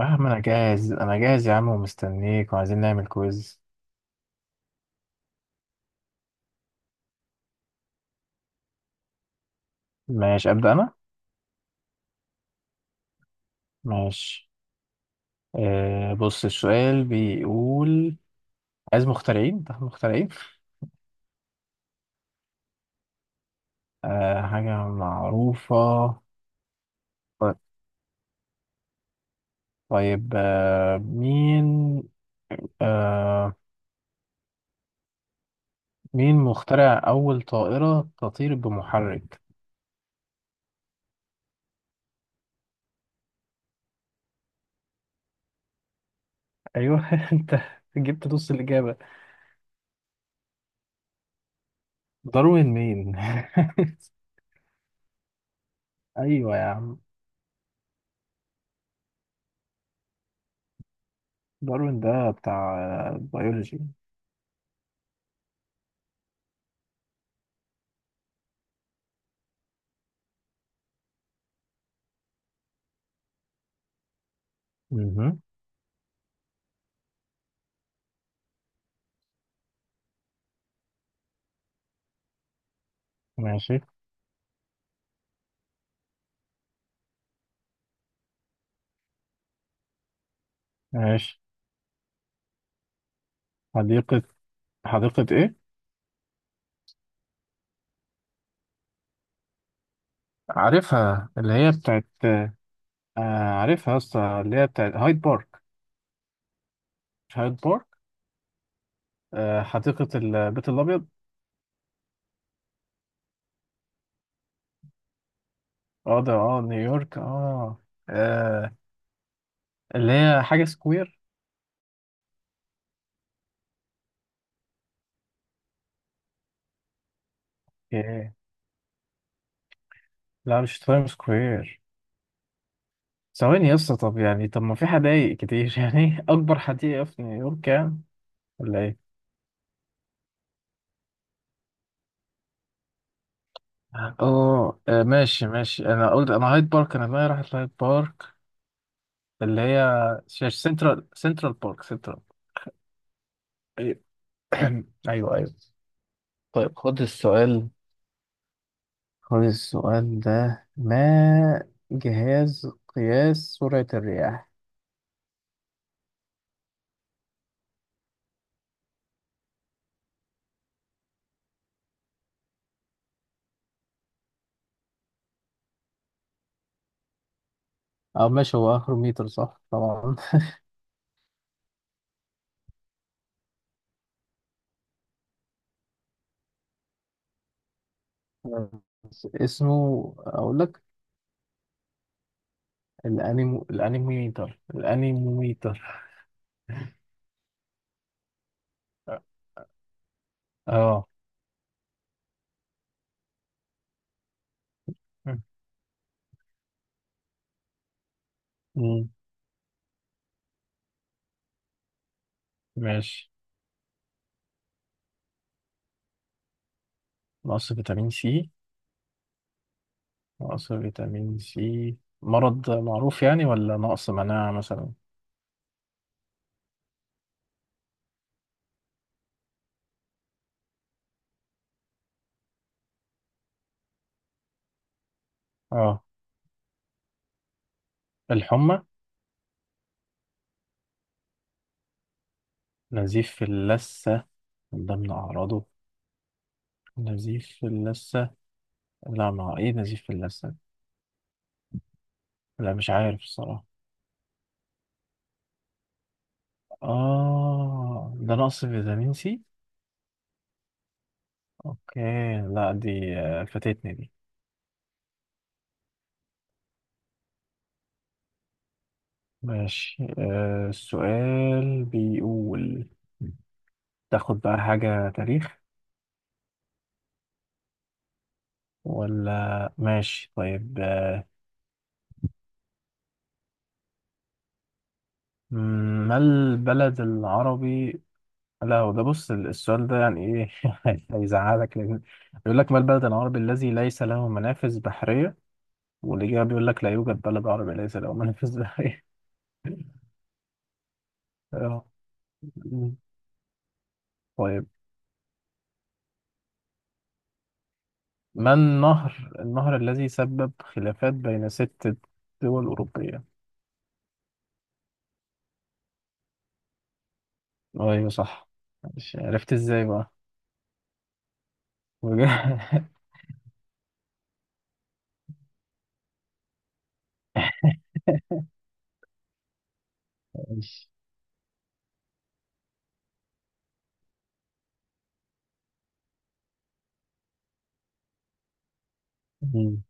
يا عم انا جاهز يا عم ومستنيك وعايزين نعمل كويز. ماشي ابدا انا. ماشي. بص السؤال بيقول: عايز مخترعين. ده مخترعين؟ حاجة معروفة. طيب. طيب، مين. آه مين مخترع اول طائرة تطير بمحرك؟ ايوه انت جبت نص الاجابة. داروين مين؟ ايوه يا عم. داروين ده بتاع بيولوجي. مهم. ماشي ماشي. حديقة. حديقة إيه؟ عارفها اللي هي بتاعت. آه عارفها يا اسطى، اللي هي بتاعت هايد بارك. مش هايد بارك. آه حديقة البيت الأبيض. اه ده اه نيويورك اه، آه اللي هي حاجة سكوير. إيه؟ لا مش تايم سكوير. ثواني يا اسطى، طب يعني طب ما في حدايق كتير يعني أكبر حديقة في نيويورك يعني. ولا إيه؟ اه ماشي ماشي، انا قلت انا هايد بارك، انا دماغي راحت هايد بارك. اللي هي سنترال بارك. طيب. ايوه ايوه. طيب خد السؤال. خد السؤال ده: ما جهاز قياس سرعة الرياح؟ او ماشي هو اخره متر صح طبعا. بس اسمه اقول لك: الانيموميتر اه. آه. مم. ماشي. نقص فيتامين سي. نقص فيتامين سي. مرض معروف يعني ولا نقص مناعة مثلا؟ اه الحمى. نزيف في اللثة. من ضمن أعراضه نزيف في اللثة. لا ما ايه نزيف في اللثة. لا مش عارف الصراحة. اه ده نقص فيتامين سي. اوكي. لا دي فاتتني دي. ماشي. السؤال بيقول: تاخد بقى حاجة تاريخ ولا ماشي؟ طيب، ما البلد العربي؟ لا هو ده بص السؤال ده يعني ايه. هيزعلك لان بيقول لك: ما البلد العربي الذي ليس له منافذ بحرية؟ والإجابة بيقول لك: لا يوجد بلد عربي ليس له منافذ بحري. آه. مم. طيب. ما النهر الذي سبب خلافات بين ست دول أوروبية؟ أيوة صح. مش عرفت إزاي بقى. ماشي. مم.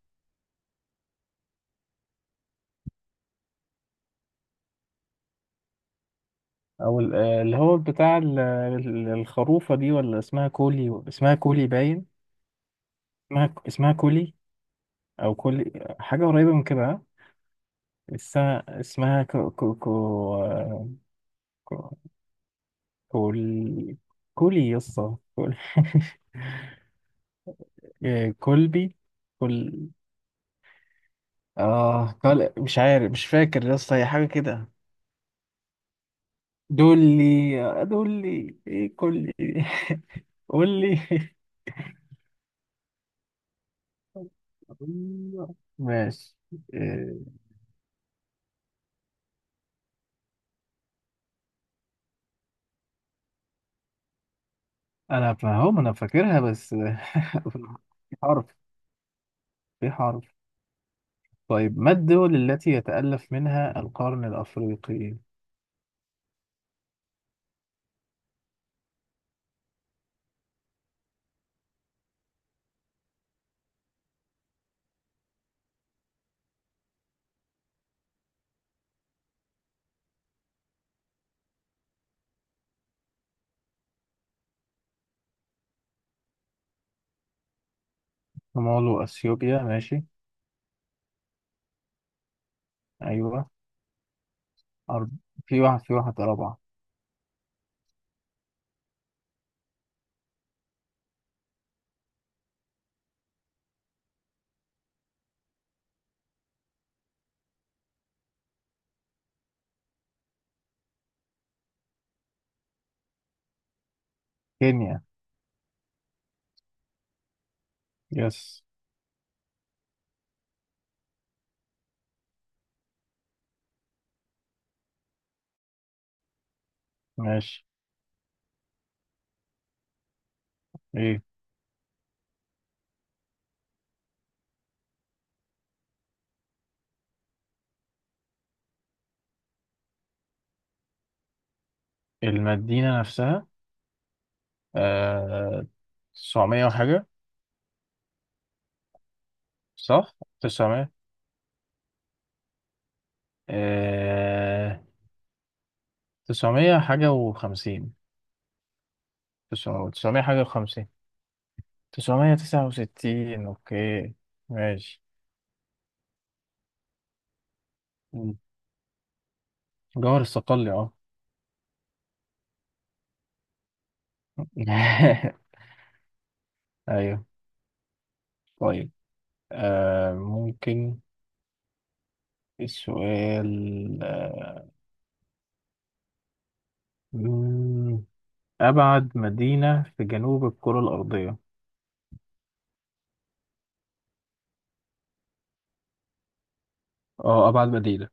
أو اللي هو بتاع الخروفة دي، ولا اسمها كولي. اسمها كولي باين. اسمها اسمها كولي. أو كولي حاجة قريبة من كده، ها؟ الس- اسمها كو كو. كو. كول. كولي يسطا كول. إيه، كولبي. كول. اه كول مش عارف مش فاكر يسطا، هي حاجة كده. دولي. دولي ايه كولي. قولي. ماشي. إيه، انا فاهم انا فاكرها بس. في حرف. في حرف. طيب، ما الدول التي يتألف منها القرن الأفريقي؟ صومال وأثيوبيا ماشي. أيوه. أرب... في واحد رابعة. كينيا. يس. ماشي. ايه المدينة نفسها. آه... 900 وحاجة. صح؟ 900. آه... 900 حاجة و50. 900 حاجة و50. 969. اوكي. ماشي. مم. جوهر الصقلي اه. ايوه. طيب ممكن السؤال. مم، أبعد مدينة في جنوب الكرة الأرضية. اه أبعد مدينة.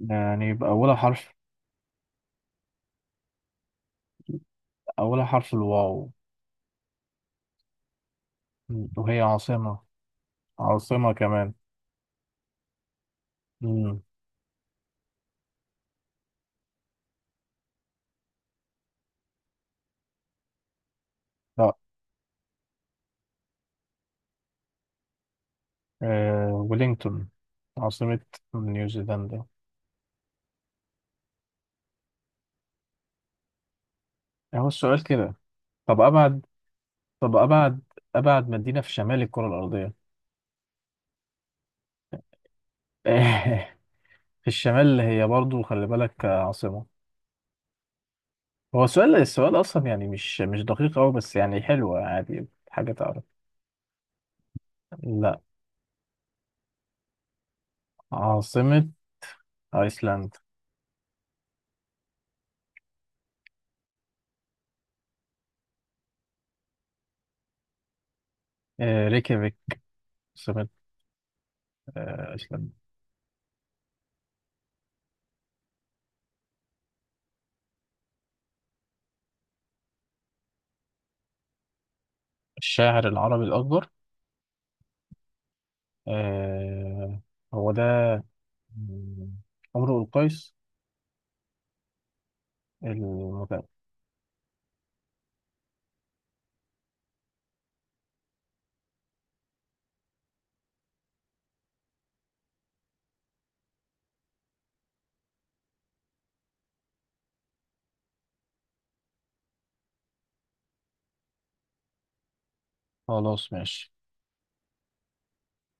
يعني يبقى أولها حرف. أولها حرف الواو. مم. وهي عاصمة. عاصمة كمان. مم. لا آه ويلينغتون، عاصمة نيوزيلندا. أهو السؤال كده. طب أبعد. طب أبعد. أبعد مدينة في شمال الكرة الأرضية. في الشمال هي برضو خلي بالك عاصمة. هو السؤال، السؤال أصلا يعني مش مش دقيق أوي بس يعني حلو، عادي حاجة تعرف. لا. عاصمة أيسلندا. آه ريكيافيك، عاصمة أيسلندا. الشاعر العربي الأكبر. آه هو ده، آه، عمرو القيس. المتابع. خلاص ماشي.